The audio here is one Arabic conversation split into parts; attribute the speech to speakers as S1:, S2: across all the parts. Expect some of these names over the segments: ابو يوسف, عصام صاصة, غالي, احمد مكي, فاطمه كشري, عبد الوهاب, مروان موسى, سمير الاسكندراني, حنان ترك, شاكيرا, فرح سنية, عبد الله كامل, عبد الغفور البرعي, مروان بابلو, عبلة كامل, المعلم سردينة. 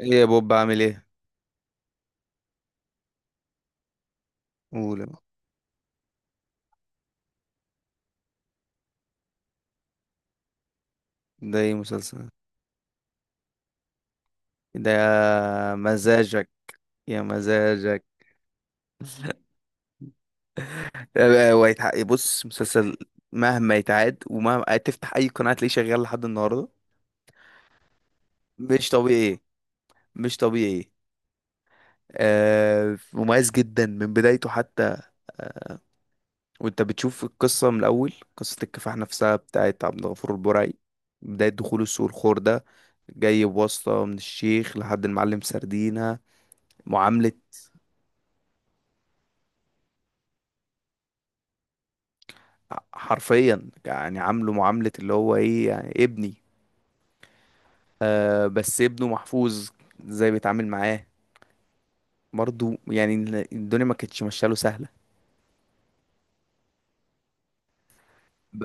S1: ايه يا بوب، عامل ايه؟ قول يلا. ده ايه مسلسل؟ ده يا مزاجك. يا مزاجك. بص، مسلسل مهما يتعاد ومهما تفتح اي قناة تلاقيه شغال لحد النهاردة. مش طبيعي، مش طبيعي. مميز جدا من بدايته، حتى وانت بتشوف القصة من الاول، قصة الكفاح نفسها بتاعت عبد الغفور البرعي. بداية دخوله السوق الخور ده، جاي بواسطة من الشيخ لحد المعلم سردينة. معاملة حرفيا يعني عامله معاملة اللي هو ايه، يعني ابني. بس ابنه محفوظ، ازاي بيتعامل معاه؟ برضو يعني الدنيا ما كانتش ماشيه له سهلة. ب...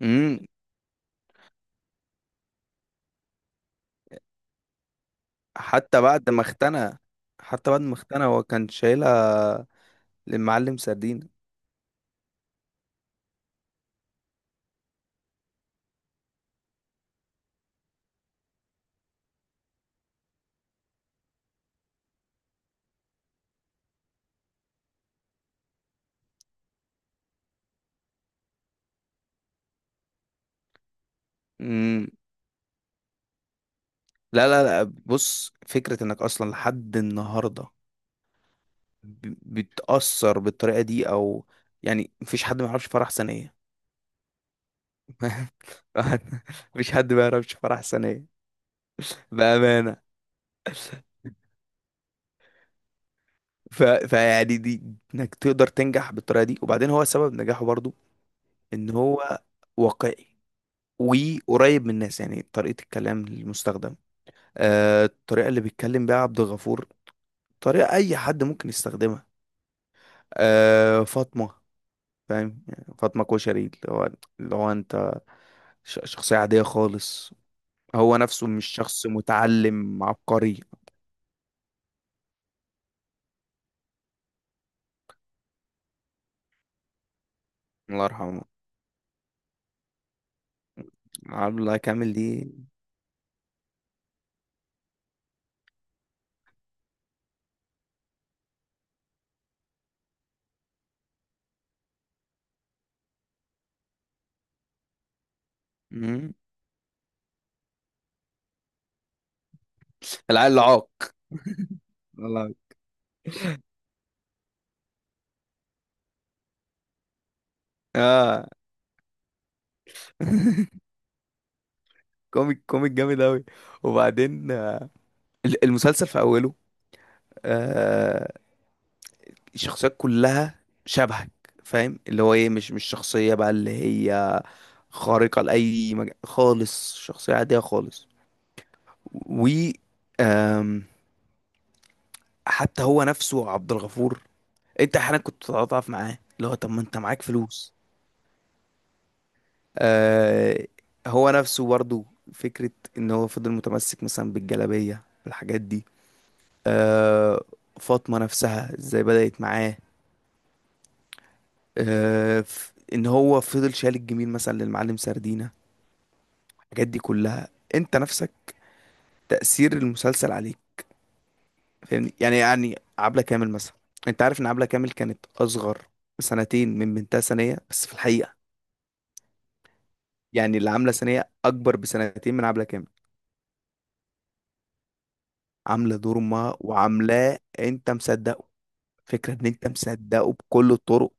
S1: مم. حتى بعد ما اختنى حتى بعد ما اختنى هو كان شايلها للمعلم سردين. مم. لا، لا، لا، بص، فكرة انك اصلا لحد النهاردة ب... بتأثر بالطريقة دي، او يعني مفيش حد ما يعرفش فرح سنية. مفيش حد ما يعرفش فرح سنية، بأمانة. فيعني، دي انك تقدر تنجح بالطريقه دي. وبعدين هو سبب نجاحه برضو ان هو واقعي وقريب من الناس. يعني طريقه الكلام المستخدم، الطريقه اللي بيتكلم بيها عبد الغفور، طريقه اي حد ممكن يستخدمها. فاطمه، فاهم؟ يعني فاطمه كشري، اللي هو اللي هو انت، شخصيه عاديه خالص، هو نفسه مش شخص متعلم عبقري. الله يرحمه. عبد الله كامل دي. مم. العيل العاق. الله. اه. كوميك، كوميك جامد أوي. وبعدين المسلسل في أوله، آه الشخصيات كلها شبهك، فاهم؟ اللي هو ايه، مش شخصية بقى اللي هي خارقة لأي خالص، شخصية عادية خالص. و آم، حتى هو نفسه عبد الغفور، انت احيانا كنت بتتعاطف معاه، اللي هو طب ما انت معاك فلوس. آه هو نفسه برضو فكرة ان هو فضل متمسك مثلا بالجلابية، الحاجات دي. آه، فاطمة نفسها ازاي بدأت معاه، ان هو فضل شايل الجميل مثلا للمعلم سردينة، الحاجات دي كلها. انت نفسك، تأثير المسلسل عليك، فاهمني؟ يعني عبلة كامل مثلا، انت عارف ان عبلة كامل كانت اصغر سنتين من بنتها سنية؟ بس في الحقيقة يعني اللي عاملة سنية اكبر بسنتين من عبلة كامل. عاملة دور امها وعاملاه انت مصدقه. فكرة ان انت مصدقه بكل الطرق.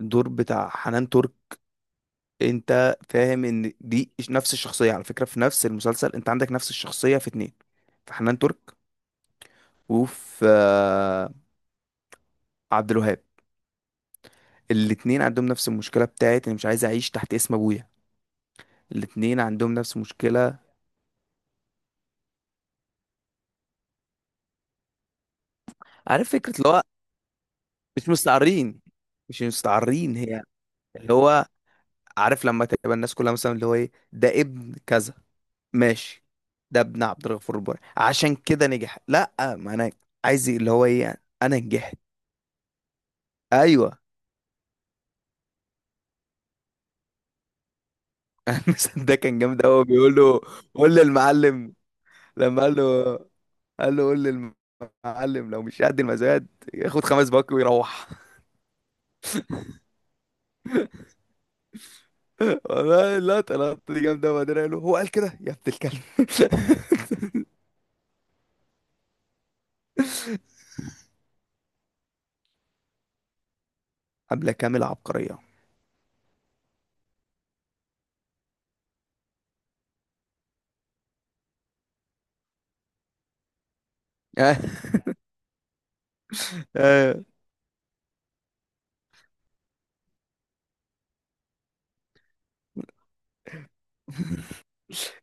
S1: الدور بتاع حنان ترك، انت فاهم ان دي نفس الشخصيه على فكره؟ في نفس المسلسل انت عندك نفس الشخصيه في اتنين، في حنان ترك وفي عبد الوهاب. الاتنين عندهم نفس المشكله بتاعت انا مش عايز اعيش تحت اسم ابويا. الاتنين عندهم نفس المشكله. عارف فكره اللي هو مش مستعارين. هي اللي هو، عارف لما تبقى الناس كلها مثلا اللي هو ايه، ده ابن كذا، ماشي، ده ابن عبد الغفور البرعي عشان كده نجح. لا، ما انا عايز اللي هو ايه، انا نجحت. ايوه. المثل ده كان جامد قوي، بيقول له قول للمعلم. لما قال له، قال له: قول للمعلم لو مش قد المزاد ياخد 5 باك ويروح. والله اللقطة، دي جامدة. وبعدين قال له، هو قال كده: يا ابن الكلب. حملة كاملة عبقرية. آه،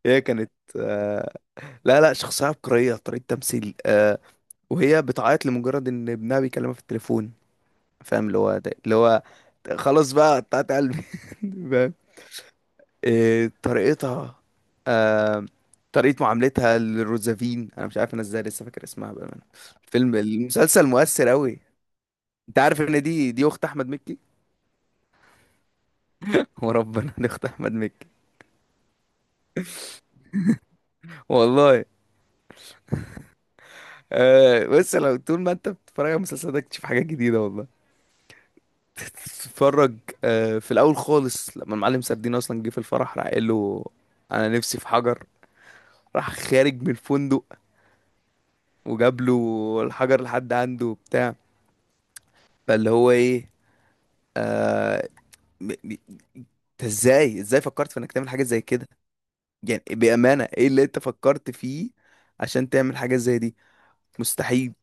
S1: هي كانت آه، لا، لا، شخصية عبقرية، طريقة تمثيل. وهي بتعيط لمجرد ان ابنها بيكلمها في التليفون. فاهم اللي هو اللي هو خلاص بقى، قطعت قلبي. إيه طريقتها؟ آه طريقة معاملتها للروزافين، انا مش عارف انا ازاي لسه فاكر اسمها بأمانة. المسلسل مؤثر قوي. انت عارف ان دي اخت احمد مكي؟ وربنا دي اخت احمد مكي، والله. بس لو طول ما انت بتتفرج على المسلسل ده تشوف حاجات جديدة، والله، تتفرج. في الاول خالص لما المعلم سردين اصلا جه في الفرح، راح قال له: انا نفسي في حجر. راح خارج من الفندق وجاب له الحجر لحد عنده وبتاع. فاللي هو ايه، آه، ب- ب- انت ازاي، فكرت في انك تعمل حاجه زي كده؟ يعني بامانه ايه اللي انت فكرت فيه عشان تعمل حاجه زي دي؟ مستحيل.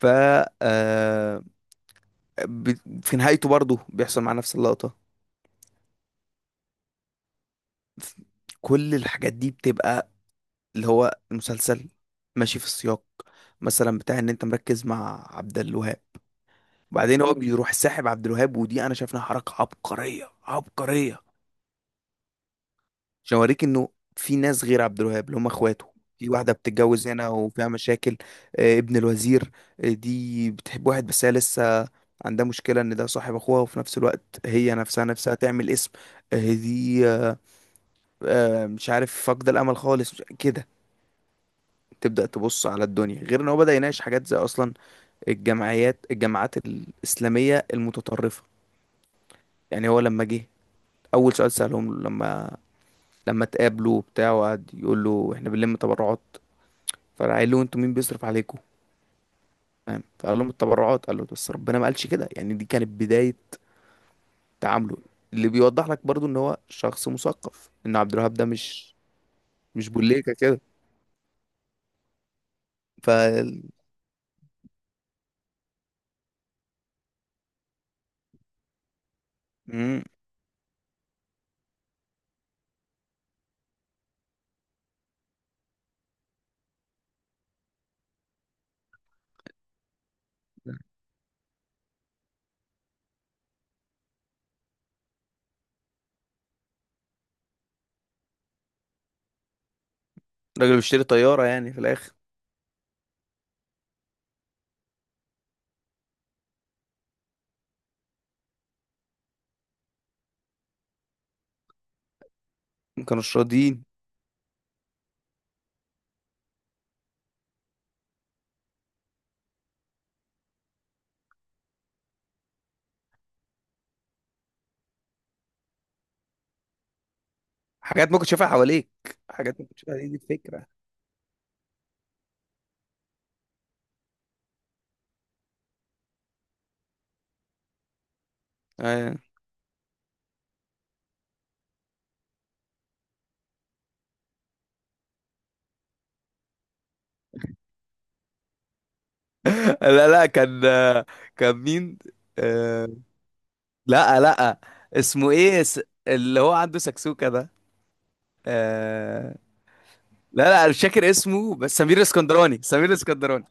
S1: ف آه، في نهايته برضه بيحصل مع نفس اللقطه. ف- كل الحاجات دي بتبقى اللي هو المسلسل ماشي في السياق. مثلا بتاع ان انت مركز مع عبد الوهاب، وبعدين هو بيروح ساحب عبد الوهاب، ودي انا شايف انها حركه عبقريه عبقريه، عشان اوريك انه في ناس غير عبد الوهاب اللي هم اخواته. في واحده بتتجوز هنا وفيها مشاكل، ابن الوزير. دي بتحب واحد بس هي لسه عندها مشكله ان ده صاحب اخوها، وفي نفس الوقت هي نفسها نفسها تعمل اسم. آه، دي آه، آه، مش عارف، فاقده الامل خالص، كده تبدا تبص على الدنيا. غير ان هو بدا يناقش حاجات زي اصلا الجمعيات، الجماعات الاسلاميه المتطرفه. يعني هو لما جه اول سؤال سالهم له، لما اتقابلوا وبتاع، وقعد يقول له: احنا بنلم تبرعات. فقال له: انتوا مين بيصرف عليكم؟ فاهم؟ فقال لهم: التبرعات. قال له: بس ربنا ما قالش كده. يعني دي كانت بداية تعامله اللي بيوضح لك برضو ان هو شخص مثقف، ان عبد الوهاب ده مش بوليكا كده. ف مم. راجل بيشتري طيارة يعني في الاخر. ما كانوش راضيين. حاجات ممكن تشوفها حواليك، حاجات ممكن تشوفها، دي الفكرة. آه. لا، لا، كان كان مين؟ آه... لا، لا، اسمه ايه، اللي هو عنده سكسوكة ده؟ آه... لا، لا، انا مش فاكر اسمه، بس سمير الاسكندراني، سمير الاسكندراني،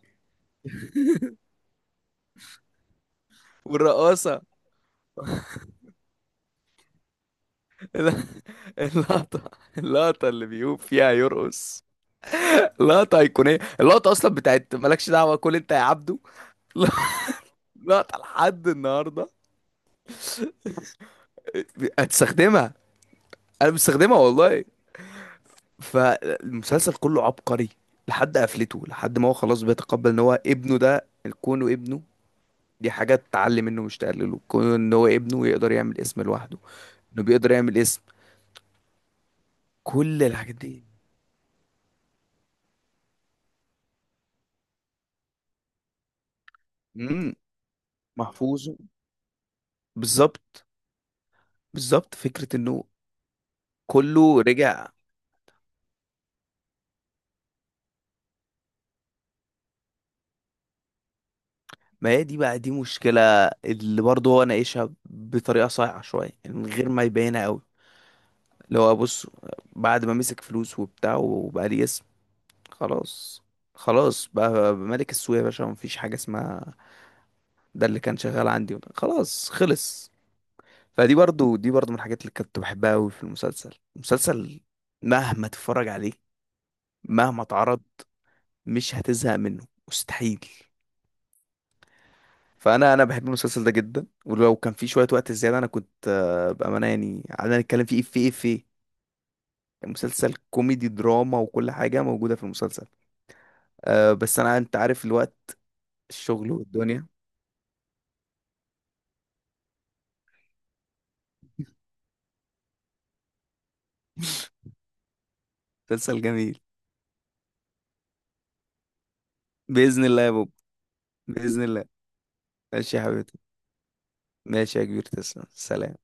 S1: والرقاصه، ال- اللقطه، اللي بيقوم فيها يرقص، لقطه ايقونيه. اللقطه اصلا بتاعت مالكش دعوه، كل انت يا عبده. لقطه لحد النهارده. هتستخدمها؟ انا بستخدمها والله. فالمسلسل كله عبقري، لحد قفلته، لحد ما هو خلاص بيتقبل ان هو ابنه ده، كونه ابنه، دي حاجة تعلي منه مش تقلله، كونه ان هو ابنه يقدر يعمل اسم لوحده، انه بيقدر يعمل اسم، كل الحاجات دي. امم محفوظ، بالظبط، بالظبط. فكرة انه كله رجع. ما هي دي بقى دي مشكلة اللي برضه هو ناقشها بطريقة صايعة شوية، يعني من غير ما يبينها قوي. اللي هو بص، بعد ما مسك فلوس وبتاع وبقى ليه اسم، خلاص. خلاص بقى ملك السوق يا باشا، مفيش حاجة اسمها ده اللي كان شغال عندي، خلاص خلص. فدي برضه، دي برضه من الحاجات اللي كنت بحبها قوي في المسلسل. المسلسل مهما تتفرج عليه، مهما اتعرض، مش هتزهق منه، مستحيل. فانا بحب المسلسل ده جدا، ولو كان في شويه وقت زياده انا كنت بامانه يعني قعدنا نتكلم فيه في في مسلسل كوميدي دراما وكل حاجه موجوده في المسلسل. بس انا انت عارف الوقت، الشغل والدنيا. مسلسل جميل. باذن الله يا بوب. باذن الله. ماشي يا حبيبتي. ماشي يا كبير، تسلم، سلام.